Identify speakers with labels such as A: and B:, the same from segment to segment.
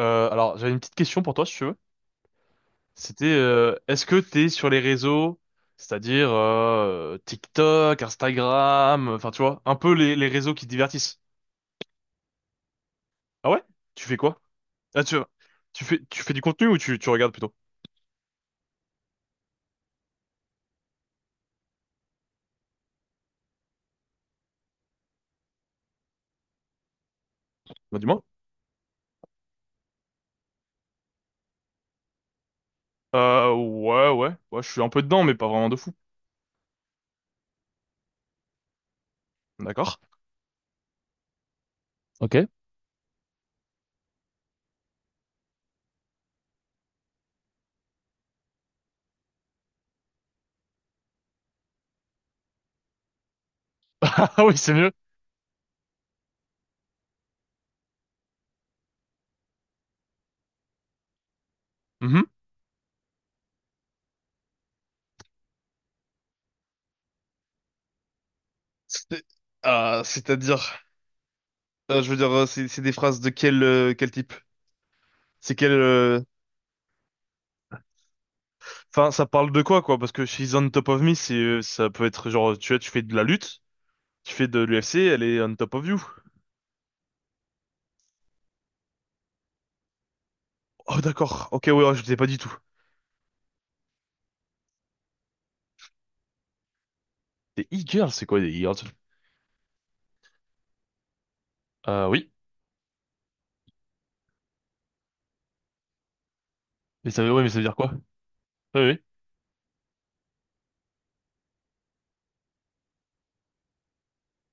A: J'avais une petite question pour toi, si tu veux. C'était, est-ce que t'es sur les réseaux, c'est-à-dire TikTok, Instagram, enfin tu vois, un peu les réseaux qui te divertissent. Ah ouais? Tu fais quoi? Ah tu, tu fais du contenu ou tu regardes plutôt? Bah dis-moi. Ouais, ouais, ouais, je suis un peu dedans, mais pas vraiment de fou. D'accord. Ok. Ah oui, c'est mieux. Mhm. C'est- Ah, je veux dire, c'est des phrases de quel quel type? C'est quel enfin, ça parle de quoi, quoi? Parce que she's on top of me, c'est, ça peut être genre, tu vois, tu fais de la lutte, tu fais de l'UFC, elle est on top of you. Oh, d'accord. Ok, ouais, ouais, je ne sais pas du tout. Des e-girls, c'est quoi des e-girls? Oui. Ouais, mais ça veut dire quoi? Oui, oui.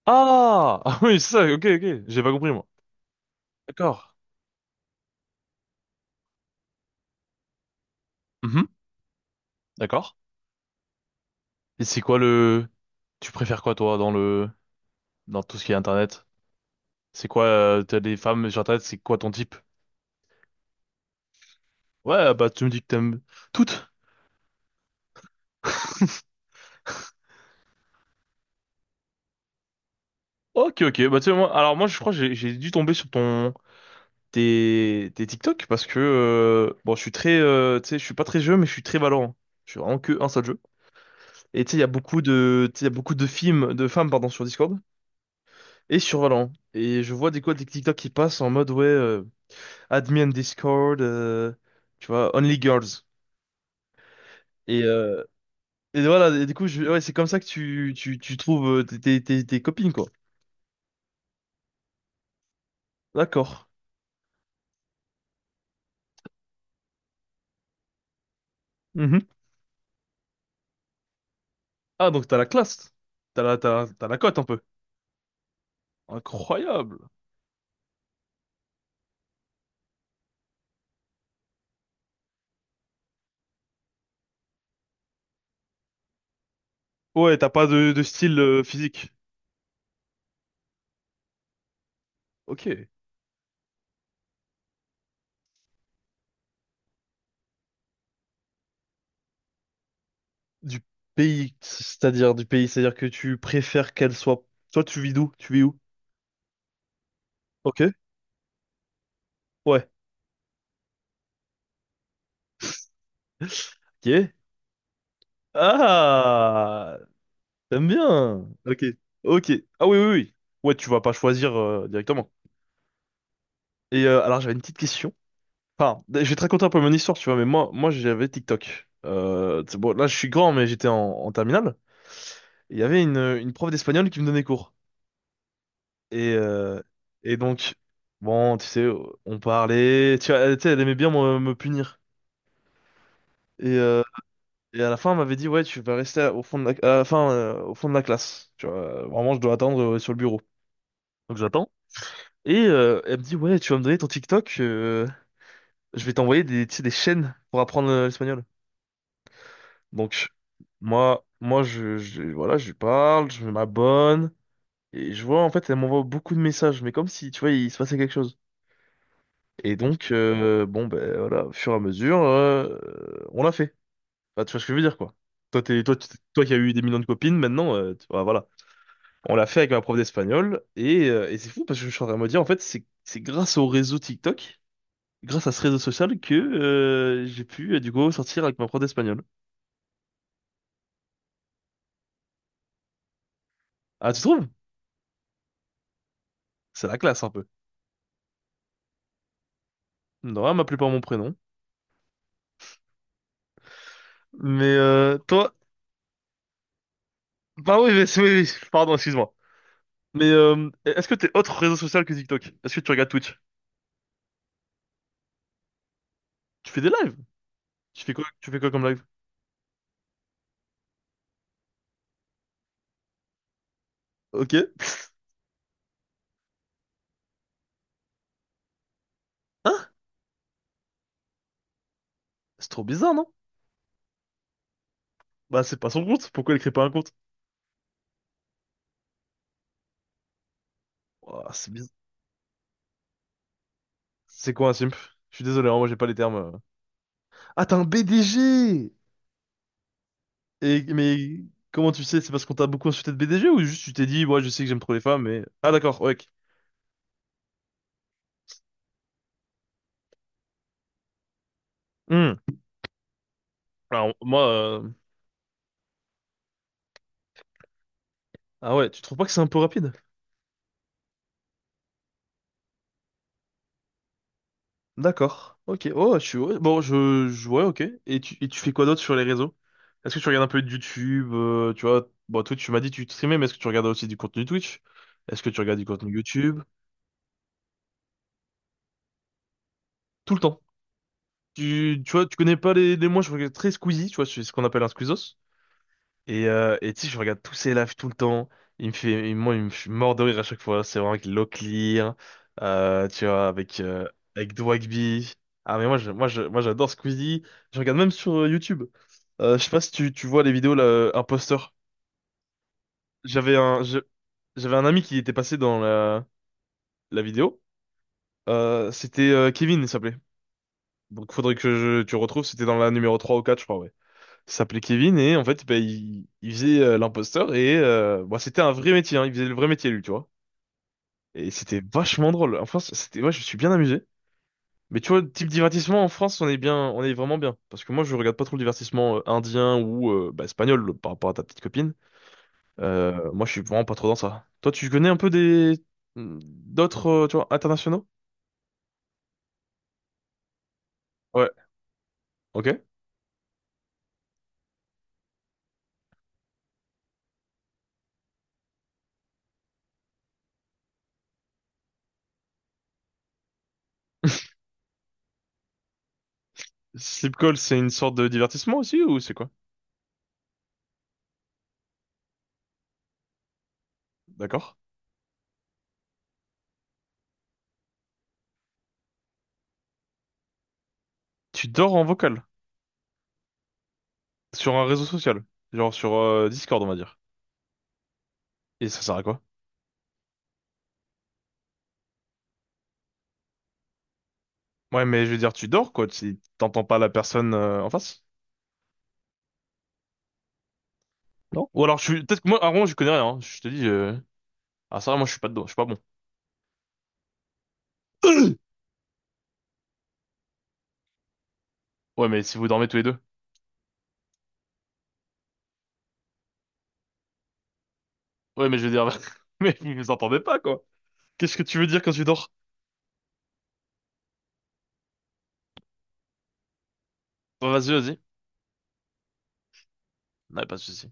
A: Ah! Ah oui, c'est ça, ok, ok. J'ai pas compris, moi. D'accord. Mhm, d'accord. Et c'est quoi le... Tu préfères quoi, toi, dans le... dans tout ce qui est Internet? C'est quoi, t'as des femmes sur Internet, c'est quoi ton type? Ouais, bah, tu me dis que t'aimes toutes. Ok, ok. Bah, tu sais, moi, alors moi, je crois que j'ai dû tomber sur ton... des TikTok parce que bon, je suis très, tu sais, je suis pas très jeu, mais je suis très Valorant. Je suis vraiment que un seul jeu. Et tu sais, il y a beaucoup de, tu sais, il y a beaucoup de films, de femmes, pardon, sur Discord et sur Valorant. Et je vois des quoi des TikTok qui passent en mode ouais, add Discord, tu vois, only girls. Et, euh, et voilà, et du coup, je, ouais, c'est comme ça tu trouves tes copines, quoi. D'accord. Mhm. Ah, donc t'as la classe. T'as la cote un peu. Incroyable. Ouais, t'as pas de style physique. Ok. Du du pays, c'est-à-dire que tu préfères qu'elle soit. Toi, tu vis d'où? Tu vis où? Ok. Ouais. Ok. Ah, t'aimes bien. Ok. Ok. Ah oui, oui, oui. Ouais, tu vas pas choisir directement. Et j'avais une petite question. Enfin, je vais te raconter un peu mon histoire, tu vois, mais moi, moi j'avais TikTok. C'est bon, là, je suis grand, mais j'étais en terminale. Et il y avait une prof d'espagnol qui me donnait cours. Et, euh, et donc, bon, tu sais, on parlait. Tu vois, elle, tu sais, elle aimait bien me punir. Et, euh, et à la fin, elle m'avait dit, ouais, tu vas rester au fond de la, à la fin, au fond de la classe. Tu vois, vraiment, je dois attendre sur le bureau. Donc j'attends. Et elle me dit, ouais, tu vas me donner ton TikTok, je vais t'envoyer des, tu sais, des chaînes pour apprendre l'espagnol. Donc, moi, voilà, je lui parle, je m'abonne. Et je vois, en fait, elle m'envoie beaucoup de messages, mais comme si, tu vois, il se passait quelque chose. Et donc, bon, ben voilà, au fur et à mesure, on l'a fait. Bah, tu vois ce que je veux dire, quoi. Toi, t'es, toi, tu- toi qui as eu des millions de copines, maintenant, bah, voilà. On l'a fait avec ma prof d'espagnol, et c'est fou parce que je suis en train de me dire, en fait, c'est grâce au réseau TikTok, grâce à ce réseau social que j'ai pu, du coup, sortir avec ma prof d'espagnol. Ah, tu trouves? C'est la classe, un peu. Non, elle m'appelait par mon prénom. Mais toi... Bah oui, mais c'est- oui, oui, pardon, excuse-moi. Mais est-ce que t'es autre réseau social que TikTok? Est-ce que tu regardes Twitch? Tu fais des lives? Tu fais quoi comme live? Ok. Hein? C'est trop bizarre, non? Bah, c'est pas son compte. Pourquoi elle crée pas un compte? Ouah, c'est bizarre. C'est quoi un simp? Je suis désolé, hein, moi j'ai pas les termes. Ah, t'es un BDG! Mais comment tu sais? C'est parce qu'on t'a beaucoup insulté de BDG ou juste tu t'es dit, ouais, je sais que j'aime trop les femmes, mais. Ah, d'accord, ouais. Ok. Hmm. Alors, moi. Ah ouais, tu trouves pas que c'est un peu rapide? D'accord. Ok. Oh, je suis... ouais, bon, je... ouais, ok. Et tu fais quoi d'autre sur les réseaux? Est-ce que tu regardes un peu de YouTube, tu vois? Bon, Twitch, tu m'as dit que tu streamais, mais est-ce que tu regardes aussi du contenu Twitch? Est-ce que tu regardes du contenu YouTube? Tout le temps. Tu connais pas les moi je regarde très Squeezie, tu vois, c'est ce qu'on appelle un squeezos. Et tu sais, je regarde tous ses lives tout le temps. Il me fait, il- je suis mort de rire à chaque fois. C'est vraiment avec Locklear, tu vois, avec, avec Dwagby. Ah, mais moi, j'adore Squeezie. Je regarde même sur YouTube. Je sais pas si tu, tu vois les vidéos, là, Imposteur. J'avais un, je- j'avais un ami qui était passé dans la vidéo. C'était Kevin, il s'appelait. Donc, tu retrouves. C'était dans la numéro 3 ou 4, je crois. Ouais. Il s'appelait Kevin et en fait, bah, il faisait l'imposteur et bon, c'était un vrai métier, hein, il faisait le vrai métier lui, tu vois. Et c'était vachement drôle. En France, c'était, ouais, je me suis bien amusé. Mais tu vois, type divertissement en France, on est bien, on est vraiment bien. Parce que moi, je regarde pas trop le divertissement indien ou bah, espagnol le- par rapport à ta petite copine. Moi, je suis vraiment pas trop dans ça. Toi, tu connais un peu des hmm, d'autres, tu vois, internationaux? Ouais. Ok. Sleep call, c'est une sorte de divertissement aussi ou c'est quoi? D'accord. Tu dors en vocal. Sur un réseau social. Genre sur Discord, on va dire. Et ça sert à quoi? Ouais, mais je veux dire, tu dors, quoi, si t'entends pas la personne en face. Non? Ou alors, je suis... Peut-être que moi, avant, je connais rien. Hein. Je te dis... ah, ça, va, moi, je suis pas dedans. Je suis pas bon. Ouais, mais si vous dormez tous les deux. Ouais, mais je veux dire... Mais vous vous entendez pas, quoi. Qu'est-ce que tu veux dire quand tu dors? Bah, vas-y, vas-y. Ouais, pas de souci.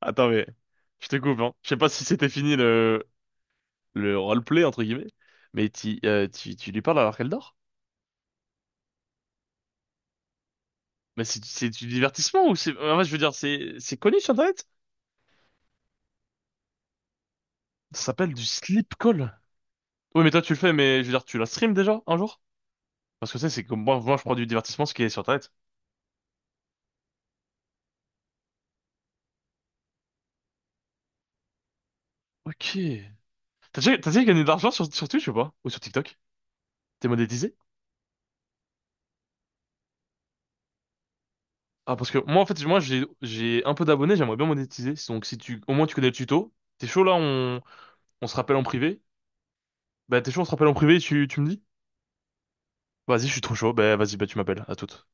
A: Attends, mais... Je te coupe, hein. Je sais pas si c'était fini le... Le roleplay, entre guillemets. Mais tu lui parles alors qu'elle dort? Mais c'est du divertissement ou c'est... En fait, je veux dire, c'est connu sur Internet? Ça s'appelle du sleep call. Oui, mais toi, tu le fais, mais je veux dire, tu la stream déjà un jour? Parce que tu sais, c'est comme moi, moi, je prends du divertissement, ce qui est sur Internet. Ok. T'as déjà gagné de l'argent sur Twitch ou pas? Ou sur TikTok? T'es monétisé? Ah, parce que moi, en fait, moi, j'ai un peu d'abonnés, j'aimerais bien monétiser. Donc, si tu, au moins, tu connais le tuto. T'es chaud, là, on se rappelle en privé. Bah, t'es chaud, on se rappelle en privé, tu me dis? Vas-y, je suis trop chaud. Bah, vas-y, bah, tu m'appelles. À toute.